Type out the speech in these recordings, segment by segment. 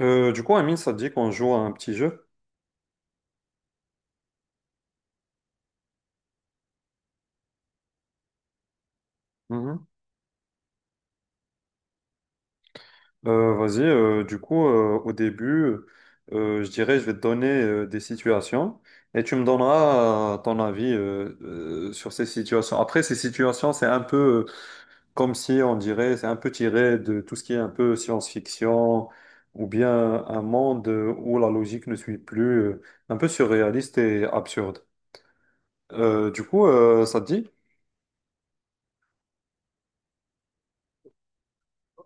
Du coup, Amine, ça te dit qu'on joue à un petit jeu? Mhm. Vas-y, du coup, au début, je dirais, je vais te donner des situations et tu me donneras ton avis sur ces situations. Après, ces situations, c'est un peu comme si on dirait, c'est un peu tiré de tout ce qui est un peu science-fiction ou bien un monde où la logique ne suit plus, un peu surréaliste et absurde. Du coup, ça te dit?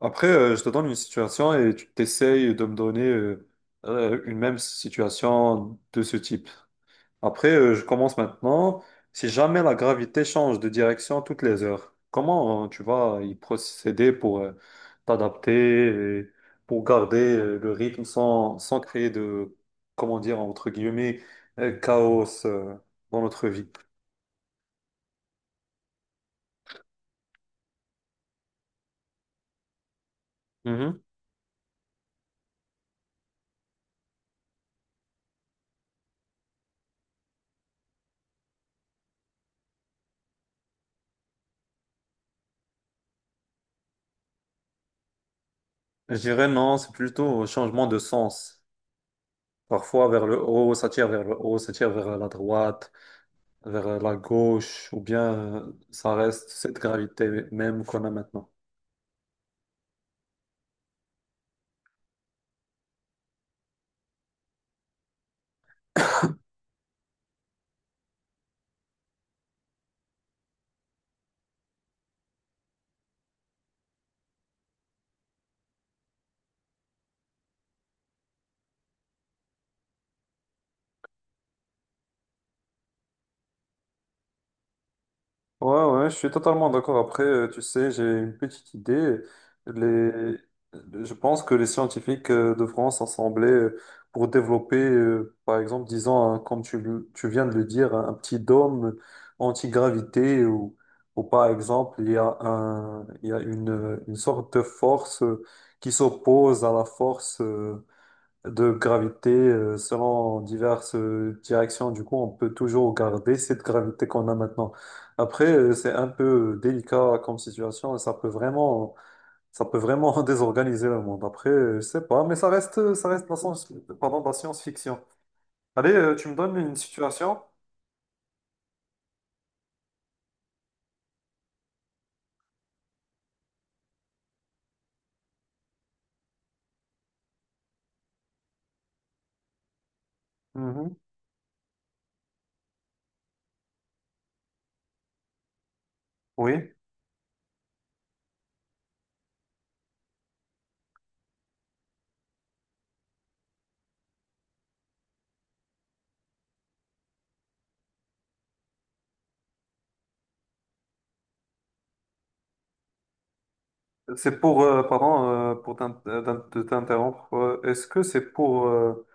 Après, je te donne une situation et tu t'essayes de me donner une même situation de ce type. Après, je commence maintenant. Si jamais la gravité change de direction toutes les heures, comment tu vas y procéder pour t'adapter et pour garder le rythme sans créer de, comment dire, entre guillemets, chaos dans notre vie? Mhm. Je dirais non, c'est plutôt un changement de sens. Parfois vers le haut, ça tire vers le haut, ça tire vers la droite, vers la gauche, ou bien ça reste cette gravité même qu'on a maintenant. Ouais, ouais, je suis totalement d'accord. Après, tu sais, j'ai une petite idée. Les... Je pense que les scientifiques devront s'assembler pour développer, par exemple, disons, comme tu, tu viens de le dire, un petit dôme anti-gravité ou par exemple, il y a un, il y a une sorte de force qui s'oppose à la force de gravité selon diverses directions. Du coup, on peut toujours garder cette gravité qu'on a maintenant. Après, c'est un peu délicat comme situation et ça peut vraiment désorganiser le monde. Après, je sais pas, mais ça reste la science, pardon, de la science-fiction. Allez, tu me donnes une situation? Mhm. Oui. C'est pour, pardon, pour de t'interrompre. Est-ce que c'est pour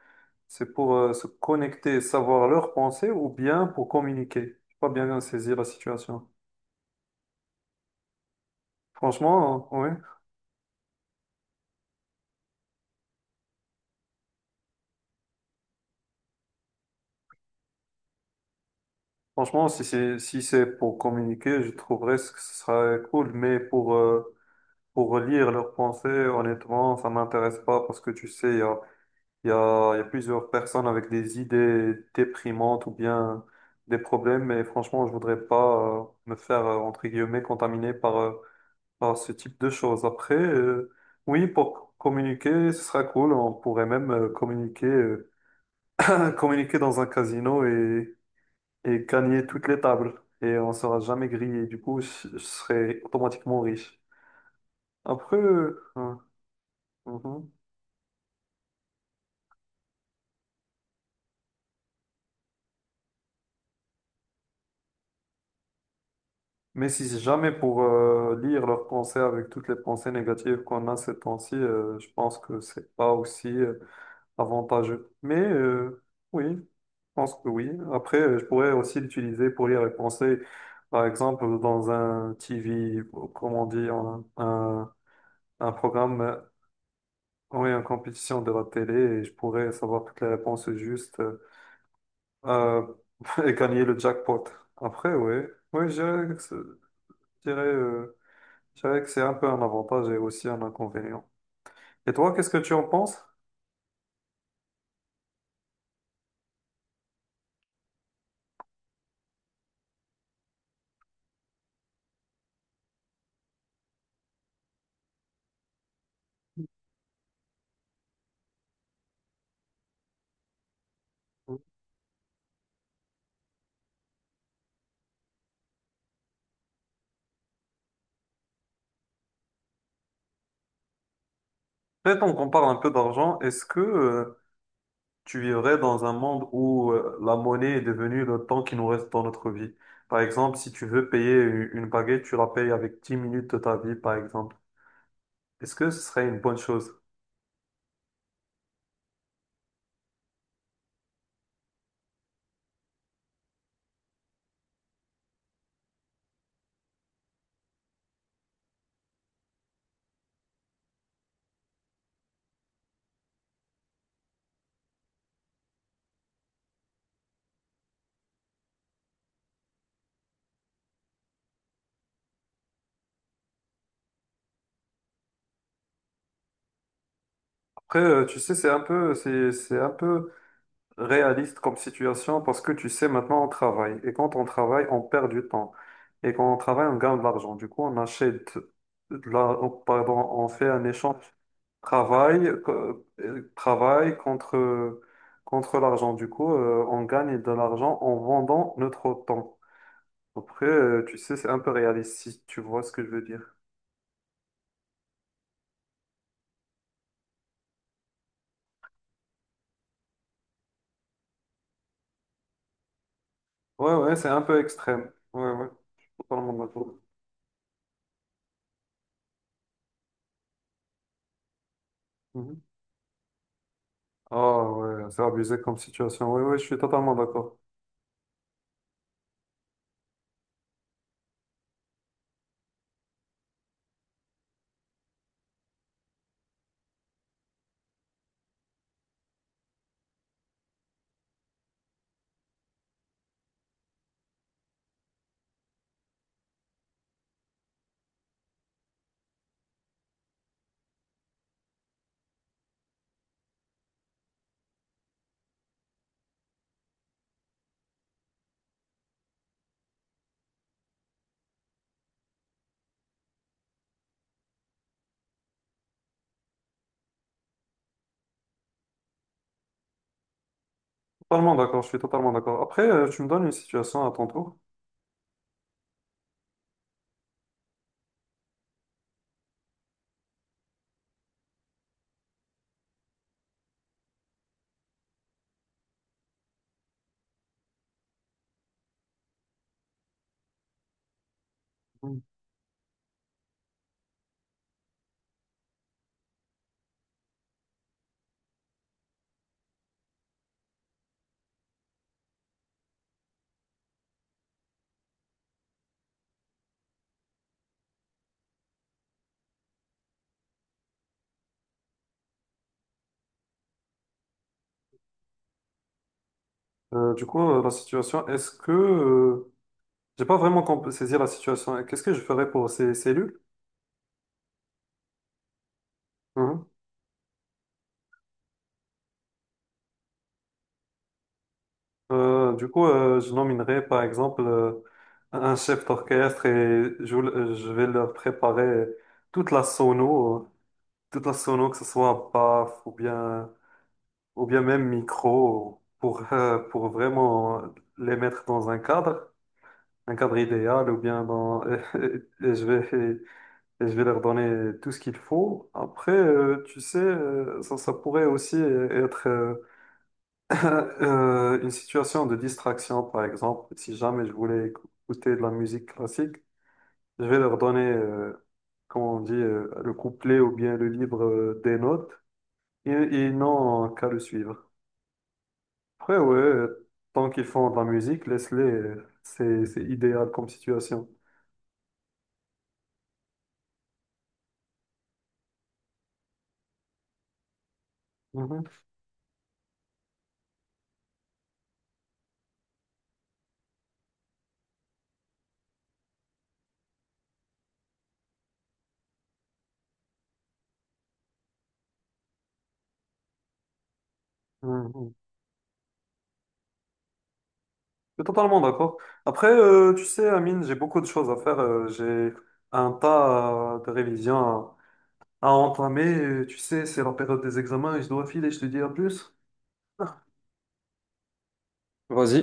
Se connecter, savoir leurs pensées ou bien pour communiquer. Je pas bien saisir la situation. Franchement, oui. Franchement, si c'est pour communiquer, je trouverais ce que ce serait cool. Mais pour lire leurs pensées, honnêtement, ça m'intéresse pas parce que tu sais, il y a plusieurs personnes avec des idées déprimantes ou bien des problèmes. Et franchement, je voudrais pas me faire entre guillemets contaminer par Bon, ce type de choses. Après, oui, pour communiquer, ce sera cool. On pourrait même communiquer dans un casino et gagner toutes les tables. Et on sera jamais grillé. Du coup, je serai automatiquement riche. Après, hein. Mhm. Mais si c'est jamais pour lire leurs pensées avec toutes les pensées négatives qu'on a ces temps-ci, je pense que c'est pas aussi avantageux. Mais oui, je pense que oui. Après, je pourrais aussi l'utiliser pour lire les pensées, par exemple, dans un TV, ou comment on dit, un programme, oui, une compétition de la télé, et je pourrais savoir toutes les réponses justes euh, et gagner le jackpot. Après, oui, oui, je dirais que je dirais, euh, je dirais que c'est un peu un avantage et aussi un inconvénient. Et toi, qu'est-ce que tu en penses? Peut-être on compare un peu d'argent. Est-ce que tu vivrais dans un monde où la monnaie est devenue le temps qui nous reste dans notre vie. Par exemple, si tu veux payer une baguette, tu la payes avec 10 minutes de ta vie, par exemple. Est-ce que ce serait une bonne chose? Après, tu sais, c'est un peu réaliste comme situation parce que tu sais, maintenant, on travaille. Et quand on travaille, on perd du temps. Et quand on travaille, on gagne de l'argent. Du coup, on achète, oh, pardon, on fait un échange travail, travail contre l'argent. Du coup, on gagne de l'argent en vendant notre temps. Après, tu sais, c'est un peu réaliste, si tu vois ce que je veux dire. Ouais, ouais, c'est un peu extrême. Ouais, ouais, totalement d'accord. Mhm. Ah ouais, c'est abusé comme situation. Ouais, ouais, je suis totalement d'accord. Totalement d'accord, je suis totalement d'accord. Après, tu me donnes une situation à ton tour. Mhm. Du coup, la situation, j'ai pas vraiment saisi la situation. Qu'est-ce que je ferais pour ces cellules? Du coup, je nominerai par exemple un chef d'orchestre et je vais leur préparer toute la sono, euh, toute la sono, que ce soit baff ou bien même micro, pour vraiment les mettre dans un cadre idéal ou bien dans... Et je vais, et je vais leur donner tout ce qu'il faut. Après, tu sais, ça pourrait aussi être une situation de distraction, par exemple, si jamais je voulais écouter de la musique classique, je vais leur donner, comment on dit, le couplet ou bien le livre des notes, et ils n'ont qu'à le suivre. Après, ouais, tant qu'ils font de la musique, laisse-les, c'est idéal comme situation. Mhm, mhm. Je suis totalement d'accord. Après, tu sais, Amine, j'ai beaucoup de choses à faire. J'ai un tas de révisions à entamer. Tu sais, c'est la période des examens et je dois filer. Je te dis à plus. Vas-y.